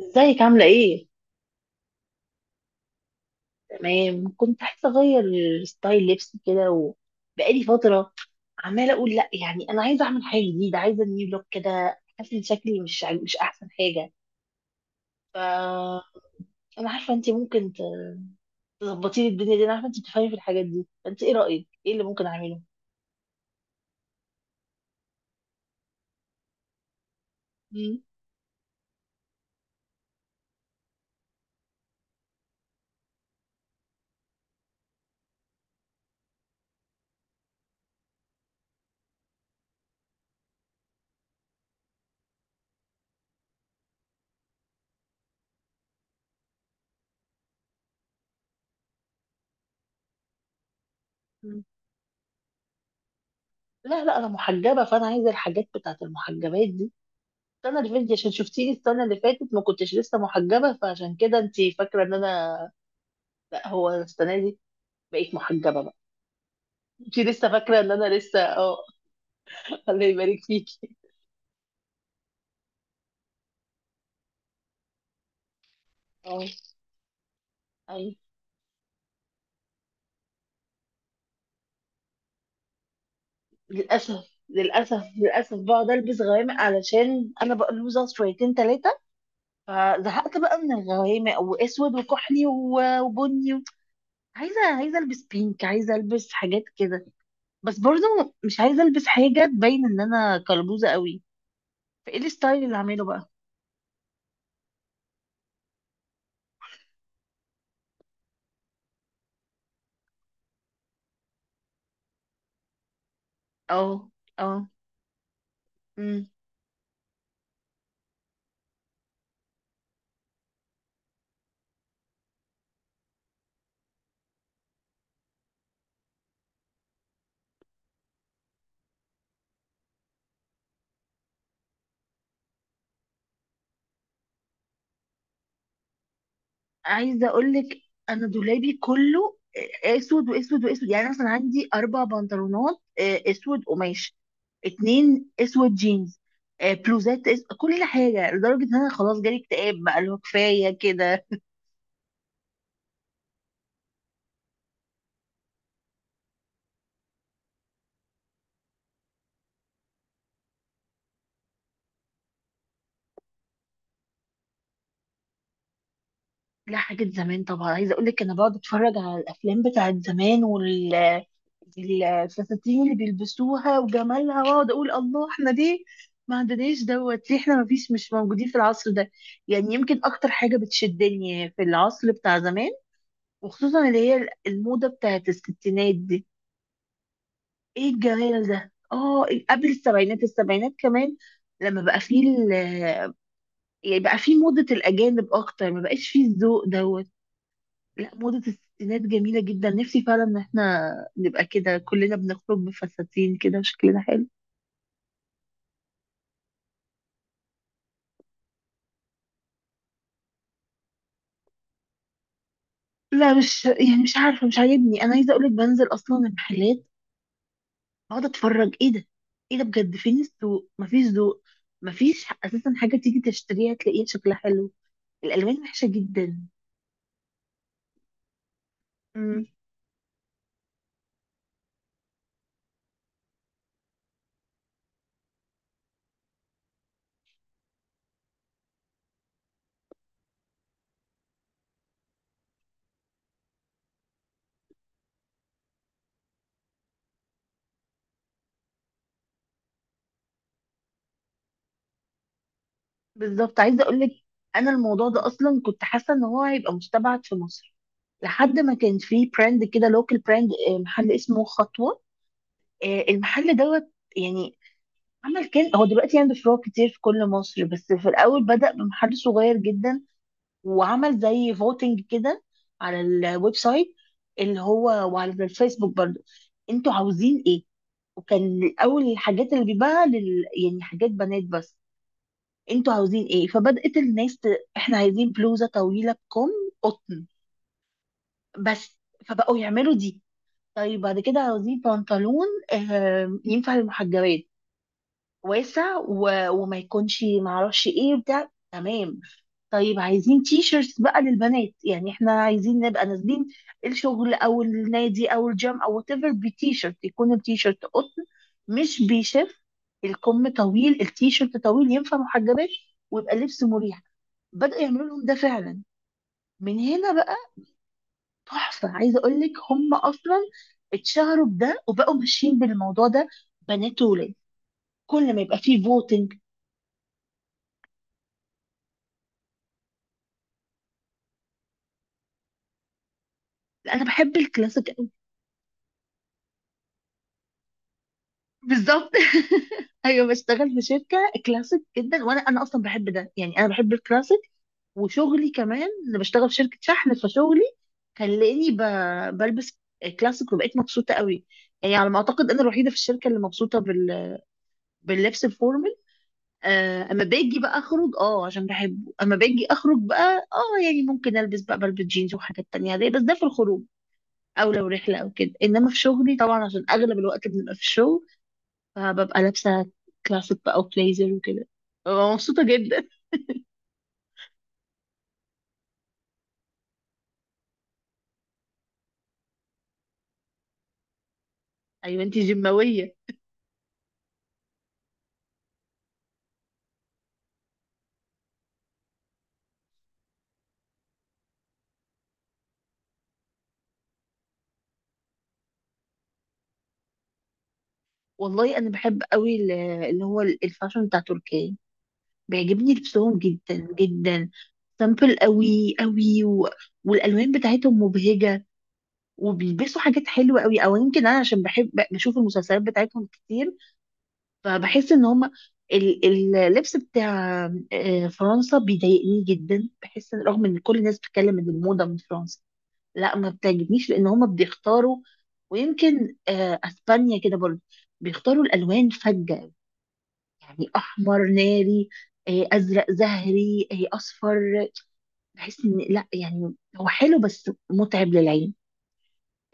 ازيك عاملة ايه؟ تمام، كنت عايزة اغير ستايل لبسي كده، وبقالي فترة عمالة اقول لا. يعني انا عايزة اعمل حاجة جديدة، عايزة نيو لوك كده، حاسة ان شكلي مش احسن حاجة. ف انا عارفة انت ممكن تظبطي لي الدنيا دي، انا عارفة انت بتفهمي في الحاجات دي، فانت ايه رأيك؟ ايه اللي ممكن اعمله؟ مم. مم. لا، لا، انا محجبة، فانا عايزة الحاجات بتاعت المحجبات دي. السنة اللي فاتت عشان شفتيني السنة اللي فاتت ما كنتش لسه محجبة، فعشان كده انت فاكرة ان انا... لا، هو السنة دي بقيت محجبة بقى. انت لسه فاكره ان انا لسه، اه. الله يبارك فيكي. اه. ايوه. للاسف، للاسف، للاسف بقعد البس غوامق علشان انا بقلوزه شويتين ثلاثه. فزهقت بقى من الغوامق واسود وكحلي وبني و... عايزه عايزه البس بينك، عايزه البس حاجات كده. بس برضو مش عايزه البس حاجه تبين ان انا كلبوزه قوي. فايه الستايل اللي هعمله بقى؟ اه، اه، عايزه اقول لك انا دولابي كله اسود واسود واسود. يعني مثلا عندي اربع بنطلونات اسود قماش، اتنين اسود جينز، بلوزات، كل حاجه، لدرجه ان انا خلاص جالي اكتئاب بقى، اللي هو كفايه كده. لا، حاجة زمان طبعا. عايزة اقول لك انا بقعد اتفرج على الافلام بتاعت زمان الفساتين اللي بيلبسوها وجمالها، واقعد اقول الله، احنا ليه ما عندناش دوت؟ ليه احنا ما فيش، مش موجودين في العصر ده؟ يعني يمكن اكتر حاجة بتشدني في العصر بتاع زمان، وخصوصا اللي هي الموضة بتاعت الستينات دي. ايه الجمال ده! اه، قبل السبعينات، السبعينات كمان، لما بقى فيه يعني بقى فيه موضة الأجانب أكتر، ما بقاش فيه الذوق دوت. لا، موضة الستينات جميلة جدا، نفسي فعلا ان احنا نبقى كده كلنا، بنخرج بفساتين كده وشكلنا حلو. لا، مش يعني، مش عارفة، مش عاجبني. انا عايزة اقولك بنزل اصلا المحلات، اقعد اتفرج ايه ده، ايه ده؟ بجد فين السوق؟ مفيش ذوق، مفيش اساسا حاجة تيجي تشتريها تلاقيها شكلها حلو، الالوان وحشة جدا. امم. بالظبط، عايزة اقولك انا الموضوع ده اصلا كنت حاسة ان هو هيبقى مستبعد في مصر، لحد ما كان في براند كده، لوكال براند، محل اسمه خطوة. المحل دوت يعني، عمل كل... هو دلوقتي عنده فروع كتير في كل مصر، بس في الاول بدأ بمحل صغير جدا، وعمل زي فوتنج كده على الويب سايت اللي هو، وعلى الفيسبوك برضو: انتوا عاوزين ايه؟ وكان اول الحاجات اللي بيبيعها يعني حاجات بنات بس. انتوا عاوزين ايه؟ فبدأت الناس احنا عايزين بلوزة طويلة بكم، قطن بس. فبقوا يعملوا دي. طيب بعد كده عاوزين بنطلون، ينفع للمحجبات، واسع وما يكونش معرفش ايه بتاع، تمام. طيب عايزين تي شيرتس بقى للبنات، يعني احنا عايزين نبقى نازلين الشغل او النادي او الجيم او وات ايفر بتي شيرت، يكون التي شيرت قطن مش بيشف، الكم طويل، التي شيرت طويل، ينفع محجبات، ويبقى لبس مريح. بدأوا يعملوا لهم ده فعلا. من هنا بقى. تحفة، عايزة اقول لك هم اصلا اتشهروا بده، وبقوا ماشيين بالموضوع ده، بنات وولاد، كل ما يبقى فيه فوتنج. انا بحب الكلاسيك قوي. بالظبط. ايوه، بشتغل في شركه كلاسيك جدا، وانا اصلا بحب ده، يعني انا بحب الكلاسيك. وشغلي كمان، انا بشتغل في شركه شحن، فشغلي خلاني بلبس كلاسيك، وبقيت مبسوطه قوي. يعني على ما اعتقد انا الوحيده في الشركه اللي مبسوطه باللبس الفورمال. اما باجي بقى اخرج، عشان بحبه. اما باجي اخرج بقى، يعني ممكن البس بقى بلبس جينز وحاجات تانية دي، بس ده في الخروج، او لو رحله او كده. انما في شغلي طبعا، عشان اغلب الوقت بنبقى في الشغل، فببقى لابسة كلاسيك بقى وبليزر وكده، ببقى مبسوطة جدا. ايوه انتي جماوية. والله انا بحب قوي اللي هو الفاشن بتاع تركيا، بيعجبني لبسهم جدا جدا. سامبل قوي قوي والالوان بتاعتهم مبهجة، وبيلبسوا حاجات حلوة قوي. او يمكن انا عشان بحب بشوف المسلسلات بتاعتهم كتير، فبحس ان هما اللبس بتاع فرنسا بيضايقني جدا. بحس رغم ان كل الناس بتتكلم ان الموضة من فرنسا، لا، ما بتعجبنيش، لان هما بيختاروا. ويمكن اسبانيا كده برضه، بيختاروا الالوان فجة، يعني احمر ناري، ازرق زهري، اصفر. بحس ان لا، يعني هو حلو بس متعب للعين.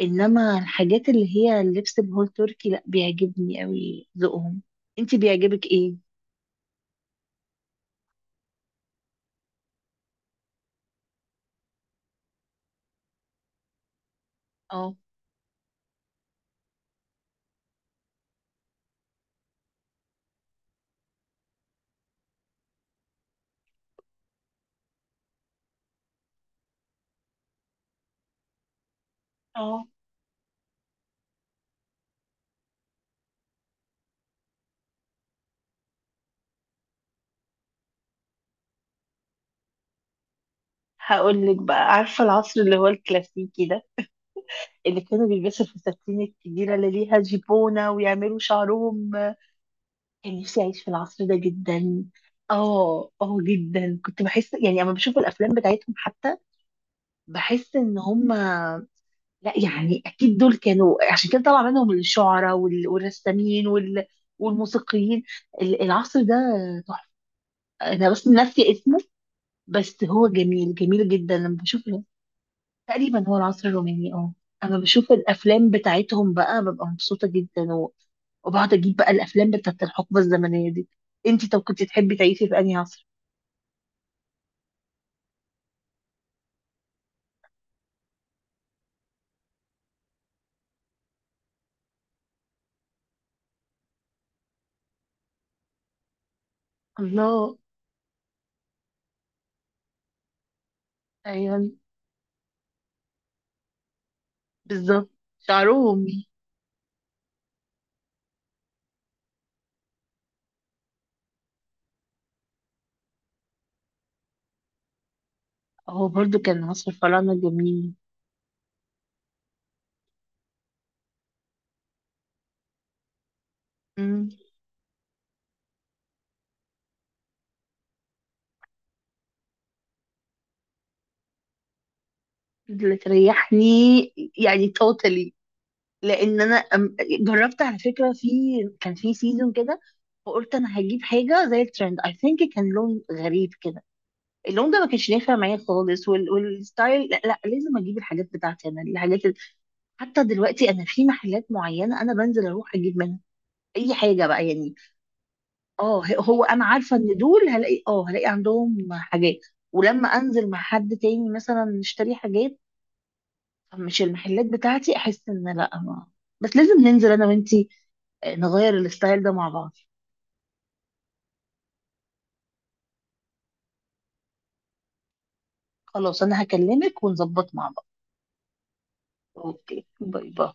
انما الحاجات اللي هي اللبس بهول تركي، لا، بيعجبني قوي ذوقهم. انت بيعجبك ايه؟ اه، اه، هقول لك بقى. عارفه العصر اللي هو الكلاسيكي ده، اللي كانوا بيلبسوا الفساتين الكبيره اللي ليها جيبونه ويعملوا شعرهم؟ كان نفسي اعيش في العصر ده جدا. اه، اه، جدا. كنت بحس، يعني اما بشوف الافلام بتاعتهم حتى، بحس ان هم... لا، يعني اكيد دول كانوا، عشان كده طلع منهم الشعراء والرسامين والموسيقيين. العصر ده تحفه، انا بس ناسيه اسمه، بس هو جميل جميل جدا لما بشوف. تقريبا هو العصر الروماني، اه اما بشوف الافلام بتاعتهم بقى ببقى مبسوطه جدا وبقعد اجيب بقى الافلام بتاعت الحقبه الزمنيه دي. انتي طب كنت تحبي تعيشي في انهي عصر؟ الله. ايوه، بالظبط، شعرهم. هو برضو كان عصر الفراعنه جميل. مم. اللي تريحني، يعني توتالي. لان انا جربت على فكره في... كان في سيزون كده، وقلت انا هجيب حاجه زي الترند اي ثينك، كان لون غريب كده. اللون ده ما كانش نافع معايا خالص، والستايل. لا, لا، لازم اجيب الحاجات بتاعتي انا، الحاجات حتى دلوقتي انا في محلات معينه انا بنزل اروح اجيب منها اي حاجه بقى يعني. اه، هو انا عارفه ان دول هلاقي عندهم حاجات. ولما انزل مع حد تاني مثلا نشتري حاجات مش المحلات بتاعتي، احس ان لا ما. بس لازم ننزل انا وانتي، نغير الستايل ده مع بعض. خلاص، انا هكلمك ونظبط مع بعض. اوكي، باي باي.